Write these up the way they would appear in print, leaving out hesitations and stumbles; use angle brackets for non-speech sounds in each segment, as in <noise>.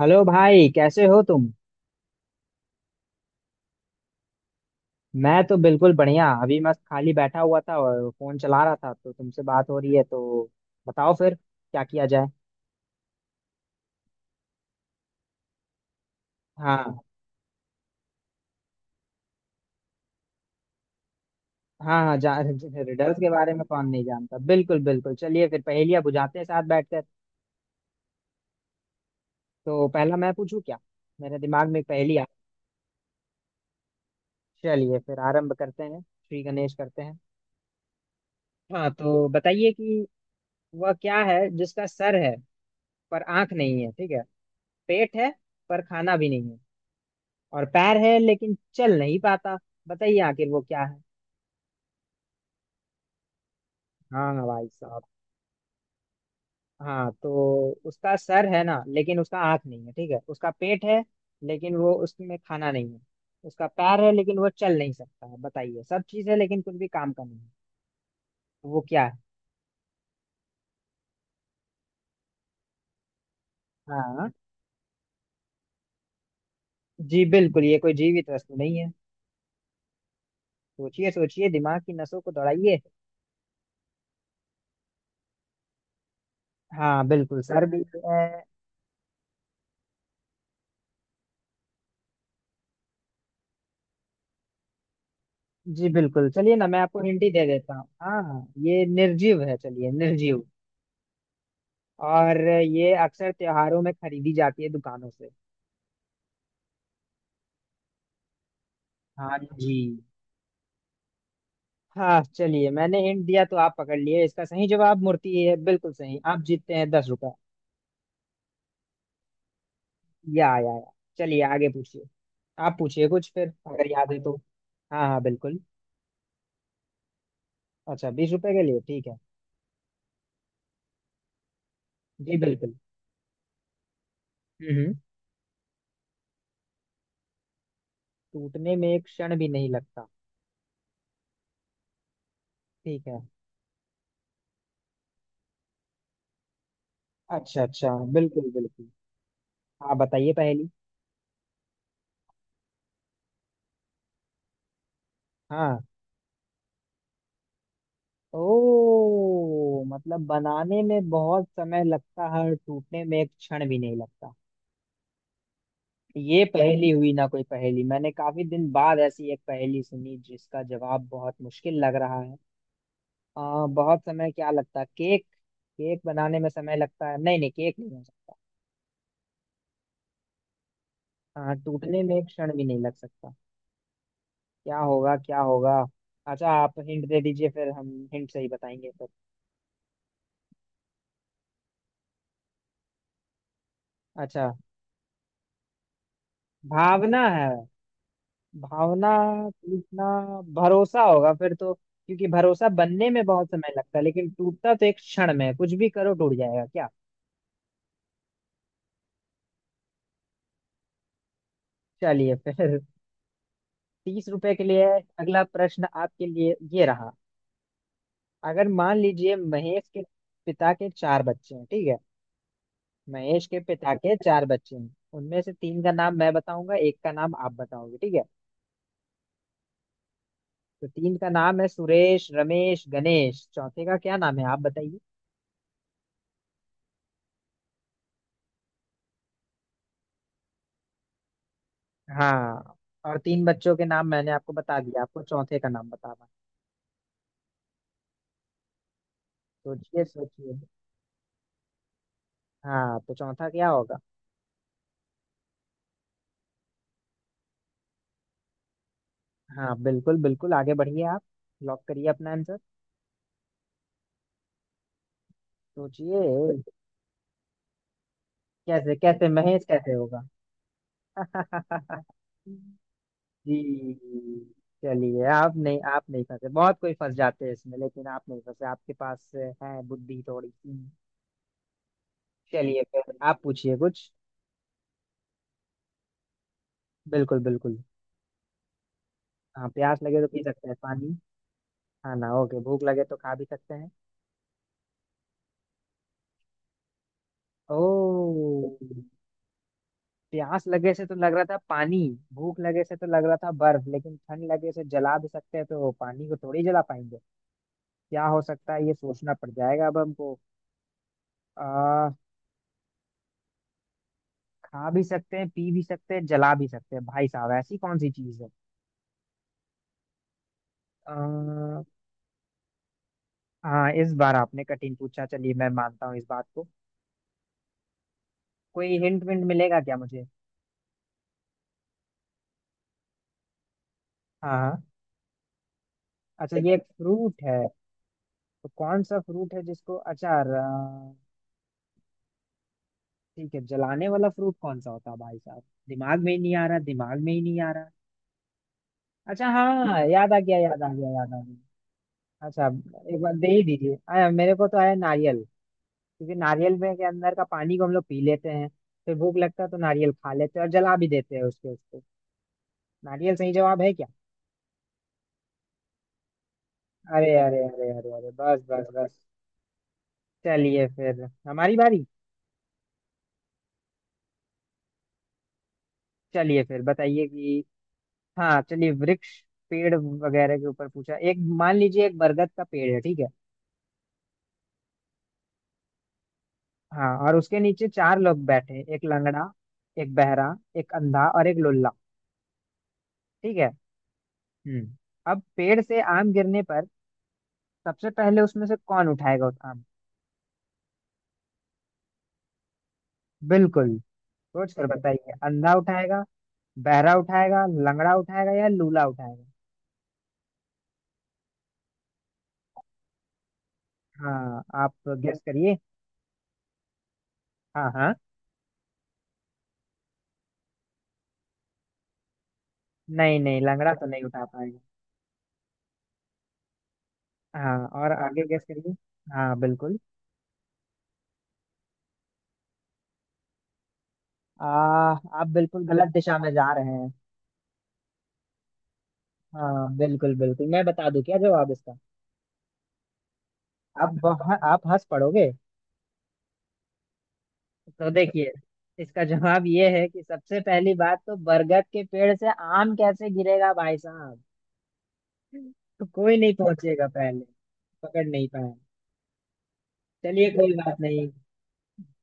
Hello भाई कैसे हो तुम। मैं तो बिल्कुल बढ़िया, अभी मैं खाली बैठा हुआ था और फोन चला रहा था, तो तुमसे बात हो रही है तो बताओ फिर क्या किया जाए। हाँ हाँ हाँ जा <laughs> रिडल्स के बारे में कौन नहीं जानता, बिल्कुल बिल्कुल, चलिए फिर पहेलियाँ बुझाते हैं साथ बैठकर। तो पहला मैं पूछूं क्या, मेरे दिमाग में एक पहेली आ। चलिए फिर आरंभ करते हैं, श्री गणेश करते हैं। हाँ, तो बताइए कि वह क्या है जिसका सर है पर आंख नहीं है, ठीक है, पेट है पर खाना भी नहीं है, और पैर है लेकिन चल नहीं पाता। बताइए आखिर वो क्या है। हाँ भाई साहब। हाँ, तो उसका सर है ना लेकिन उसका आँख नहीं है, ठीक है, उसका पेट है लेकिन वो उसमें खाना नहीं है, उसका पैर है लेकिन वो चल नहीं सकता है। बताइए सब चीज़ है लेकिन कुछ भी काम का नहीं है, वो क्या है। हाँ जी बिल्कुल, ये कोई जीवित वस्तु नहीं है। सोचिए सोचिए, दिमाग की नसों को दौड़ाइए। हाँ बिल्कुल, सर भी है। जी बिल्कुल, चलिए ना मैं आपको हिंट ही दे देता हूँ, हाँ हाँ ये निर्जीव है, चलिए निर्जीव। और ये अक्सर त्योहारों में खरीदी जाती है दुकानों से। हाँ जी। हाँ चलिए, मैंने हिंट दिया तो आप पकड़ लिए, इसका सही जवाब मूर्ति है, बिल्कुल सही, आप जीतते हैं 10 रुपए। या, चलिए आगे पूछिए, आप पूछिए कुछ फिर अगर याद है तो। हाँ हाँ बिल्कुल। अच्छा 20 रुपए के लिए, ठीक है। जी बिल्कुल। हम्म, टूटने में एक क्षण भी नहीं लगता। ठीक है। अच्छा अच्छा, बिल्कुल बिल्कुल, आप बताइए पहली। हाँ। ओ, मतलब बनाने में बहुत समय लगता है और टूटने में एक क्षण भी नहीं लगता। ये पहेली हुई ना, कोई पहेली मैंने काफी दिन बाद ऐसी एक पहेली सुनी जिसका जवाब बहुत मुश्किल लग रहा है। बहुत समय क्या लगता है, केक? केक बनाने में समय लगता है, नहीं नहीं केक नहीं हो सकता। हाँ, टूटने में एक क्षण भी नहीं लग सकता। क्या होगा क्या होगा। अच्छा आप हिंट दे दीजिए, फिर हम हिंट से ही बताएंगे फिर। अच्छा, भावना है, भावना। टूटना, भरोसा होगा फिर तो, क्योंकि भरोसा बनने में बहुत समय लगता है लेकिन टूटता तो एक क्षण में है। कुछ भी करो टूट जाएगा क्या। चलिए फिर <laughs> 30 रुपए के लिए, अगला प्रश्न आपके लिए ये रहा। अगर मान लीजिए महेश के पिता के चार बच्चे हैं, ठीक है, महेश के पिता के चार बच्चे हैं, उनमें से तीन का नाम मैं बताऊंगा, एक का नाम आप बताओगे, ठीक है। तो तीन का नाम है सुरेश रमेश गणेश, चौथे का क्या नाम है आप बताइए। हाँ, और तीन बच्चों के नाम मैंने आपको बता दिया, आपको चौथे का नाम बताना है। सोचिए सोचिए। हाँ, तो चौथा क्या होगा। हाँ बिल्कुल बिल्कुल, आगे बढ़िए आप, लॉक करिए अपना आंसर, सोचिए। कैसे कैसे, महेश कैसे होगा? <laughs> जी। चलिए, आप नहीं, आप नहीं फंसे, बहुत कोई फंस जाते हैं इसमें लेकिन आप नहीं फंसे, आपके पास है बुद्धि थोड़ी सी। चलिए फिर आप पूछिए कुछ। बिल्कुल बिल्कुल। हाँ प्यास लगे तो पी सकते हैं पानी। खाना ओके, भूख लगे तो खा भी सकते हैं। ओ। प्यास लगे से तो लग रहा था पानी, भूख लगे से तो लग रहा था बर्फ, लेकिन ठंड लगे से जला भी सकते हैं तो पानी को थोड़ी जला पाएंगे। क्या हो सकता है, ये सोचना पड़ जाएगा अब हमको। आ, खा भी सकते हैं, पी भी सकते हैं, जला भी सकते हैं, भाई साहब ऐसी कौन सी चीज है। आ, हाँ इस बार आपने कठिन पूछा, चलिए मैं मानता हूँ इस बात को। कोई हिंट विंट मिलेगा क्या मुझे। हाँ हाँ। अच्छा ये एक फ्रूट है। तो कौन सा फ्रूट है जिसको अचार, ठीक है, जलाने वाला फ्रूट कौन सा होता है भाई साहब। दिमाग में ही नहीं आ रहा, दिमाग में ही नहीं आ रहा। अच्छा हाँ, याद आ गया याद आ गया याद आ गया। अच्छा, एक बार दे ही दीजिए, आया मेरे को तो, आया नारियल। क्योंकि नारियल में के अंदर का पानी को हम लोग पी लेते हैं, फिर भूख लगता है तो नारियल खा लेते हैं, और जला भी देते हैं उसके उसको। नारियल सही जवाब है क्या। अरे अरे अरे अरे अरे, बस बस बस। चलिए फिर हमारी बारी। चलिए फिर बताइए कि, हाँ चलिए वृक्ष, पेड़ वगैरह के ऊपर पूछा। एक मान लीजिए एक बरगद का पेड़ है, ठीक है। हाँ, और उसके नीचे चार लोग बैठे, एक लंगड़ा, एक बहरा, एक अंधा और एक लुल्ला, ठीक है। हम्म। अब पेड़ से आम गिरने पर सबसे पहले उसमें से कौन उठाएगा उस आम। बिल्कुल। सोच कर बताइए, अंधा उठाएगा, बहरा उठाएगा, लंगड़ा उठाएगा या लूला उठाएगा। हाँ आप, गेस करिए। हाँ हाँ। नहीं नहीं, लंगड़ा तो नहीं उठा पाएगा। हाँ, और आगे गेस करिए। हाँ बिल्कुल। आप बिल्कुल गलत दिशा में जा रहे हैं। हाँ बिल्कुल बिल्कुल, मैं बता दूं क्या जवाब इसका। आप हंस पड़ोगे। तो देखिए, इसका जवाब ये है कि सबसे पहली बात तो, बरगद के पेड़ से आम कैसे गिरेगा भाई साहब। तो कोई नहीं पहुंचेगा पहले। पकड़ नहीं पाए। चलिए, कोई बात नहीं,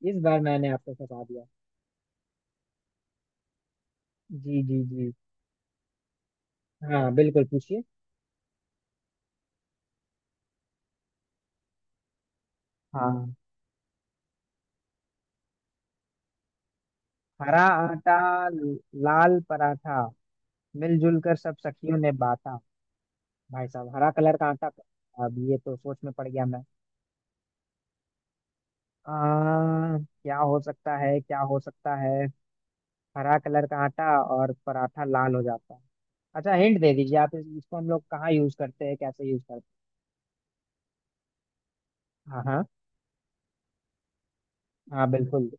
इस बार मैंने आपको फंसा दिया। जी जी जी। हाँ बिल्कुल पूछिए। हाँ, हरा आटा, लाल पराठा, मिलजुल कर सब सखियों ने बांटा। भाई साहब, हरा कलर का आटा? अब ये तो सोच में पड़ गया मैं। क्या हो सकता है, क्या हो सकता है? हरा कलर का आटा, और पराठा लाल हो जाता है। अच्छा हिंट दे दीजिए आप, इसको हम लोग कहाँ यूज करते हैं, कैसे यूज करते हैं। हाँ हाँ। हाँ बिल्कुल।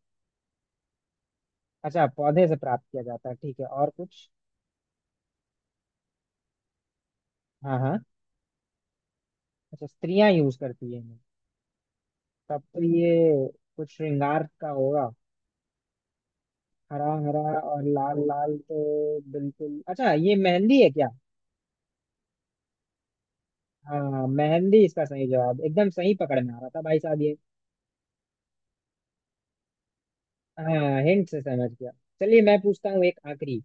अच्छा, पौधे से प्राप्त किया जाता है, ठीक है, और कुछ? हाँ हाँ। अच्छा स्त्रियां यूज करती हैं इन्हें। तब तो ये कुछ श्रृंगार का होगा। हरा हरा और लाल लाल तो बिल्कुल, अच्छा ये मेहंदी है क्या? हाँ मेहंदी इसका सही जवाब, एकदम सही पकड़ में आ रहा था भाई साहब ये। हाँ हिंट से समझ गया। चलिए मैं पूछता हूँ एक आखिरी।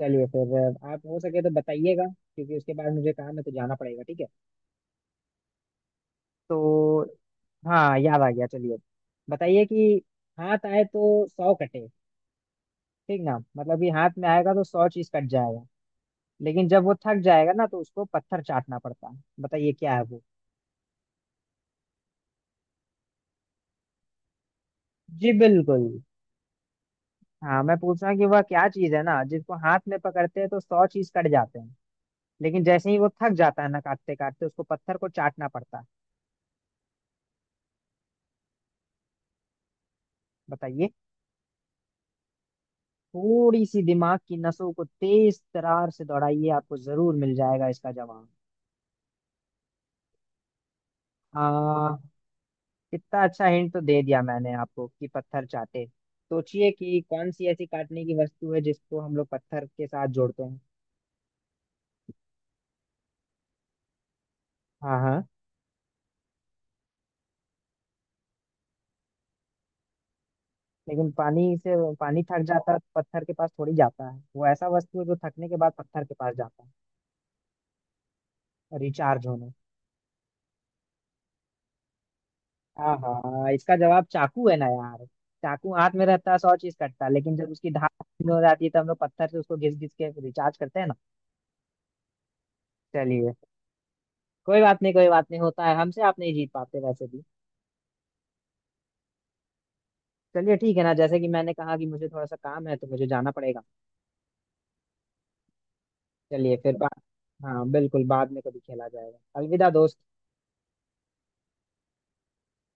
चलिए फिर, आप हो सके तो बताइएगा, क्योंकि उसके बाद मुझे काम है तो जाना पड़ेगा, ठीक है। तो हाँ याद आ गया, चलिए बताइए कि हाथ आए तो 100 कटे, ठीक ना, मतलब कि हाथ में आएगा तो 100 चीज कट जाएगा, लेकिन जब वो थक जाएगा ना तो उसको पत्थर चाटना पड़ता है, बताइए क्या है वो। जी बिल्कुल। हाँ मैं पूछ रहा हूँ कि वह क्या चीज है ना जिसको हाथ में पकड़ते हैं तो 100 चीज कट जाते हैं, लेकिन जैसे ही वो थक जाता है ना काटते काटते, उसको पत्थर को चाटना पड़ता है, बताइए। थोड़ी सी दिमाग की नसों को तेज तरार से दौड़ाइए, आपको जरूर मिल जाएगा इसका जवाब। आ कितना अच्छा हिंट तो दे दिया मैंने आपको कि पत्थर चाटे, सोचिए कि कौन सी ऐसी काटने की वस्तु है जिसको हम लोग पत्थर के साथ जोड़ते हैं। हाँ हाँ। लेकिन पानी से पानी थक जाता है तो पत्थर के पास थोड़ी जाता है, वो ऐसा वस्तु है जो थकने के बाद पत्थर के पास जाता है। रिचार्ज होने। हाँ हाँ हाँ, इसका जवाब चाकू है ना यार। चाकू हाथ में रहता है, 100 चीज कटता है, लेकिन जब उसकी धार ठंडी हो जाती है तो हम लोग पत्थर से उसको घिस घिस के रिचार्ज करते हैं ना। चलिए, कोई बात नहीं, कोई बात नहीं, होता है, हमसे आप नहीं जीत पाते वैसे भी। चलिए ठीक है ना, जैसे कि मैंने कहा कि मुझे थोड़ा सा काम है तो मुझे जाना पड़ेगा। चलिए फिर बात। हाँ बिल्कुल, बाद में कभी खेला जाएगा, अलविदा दोस्त।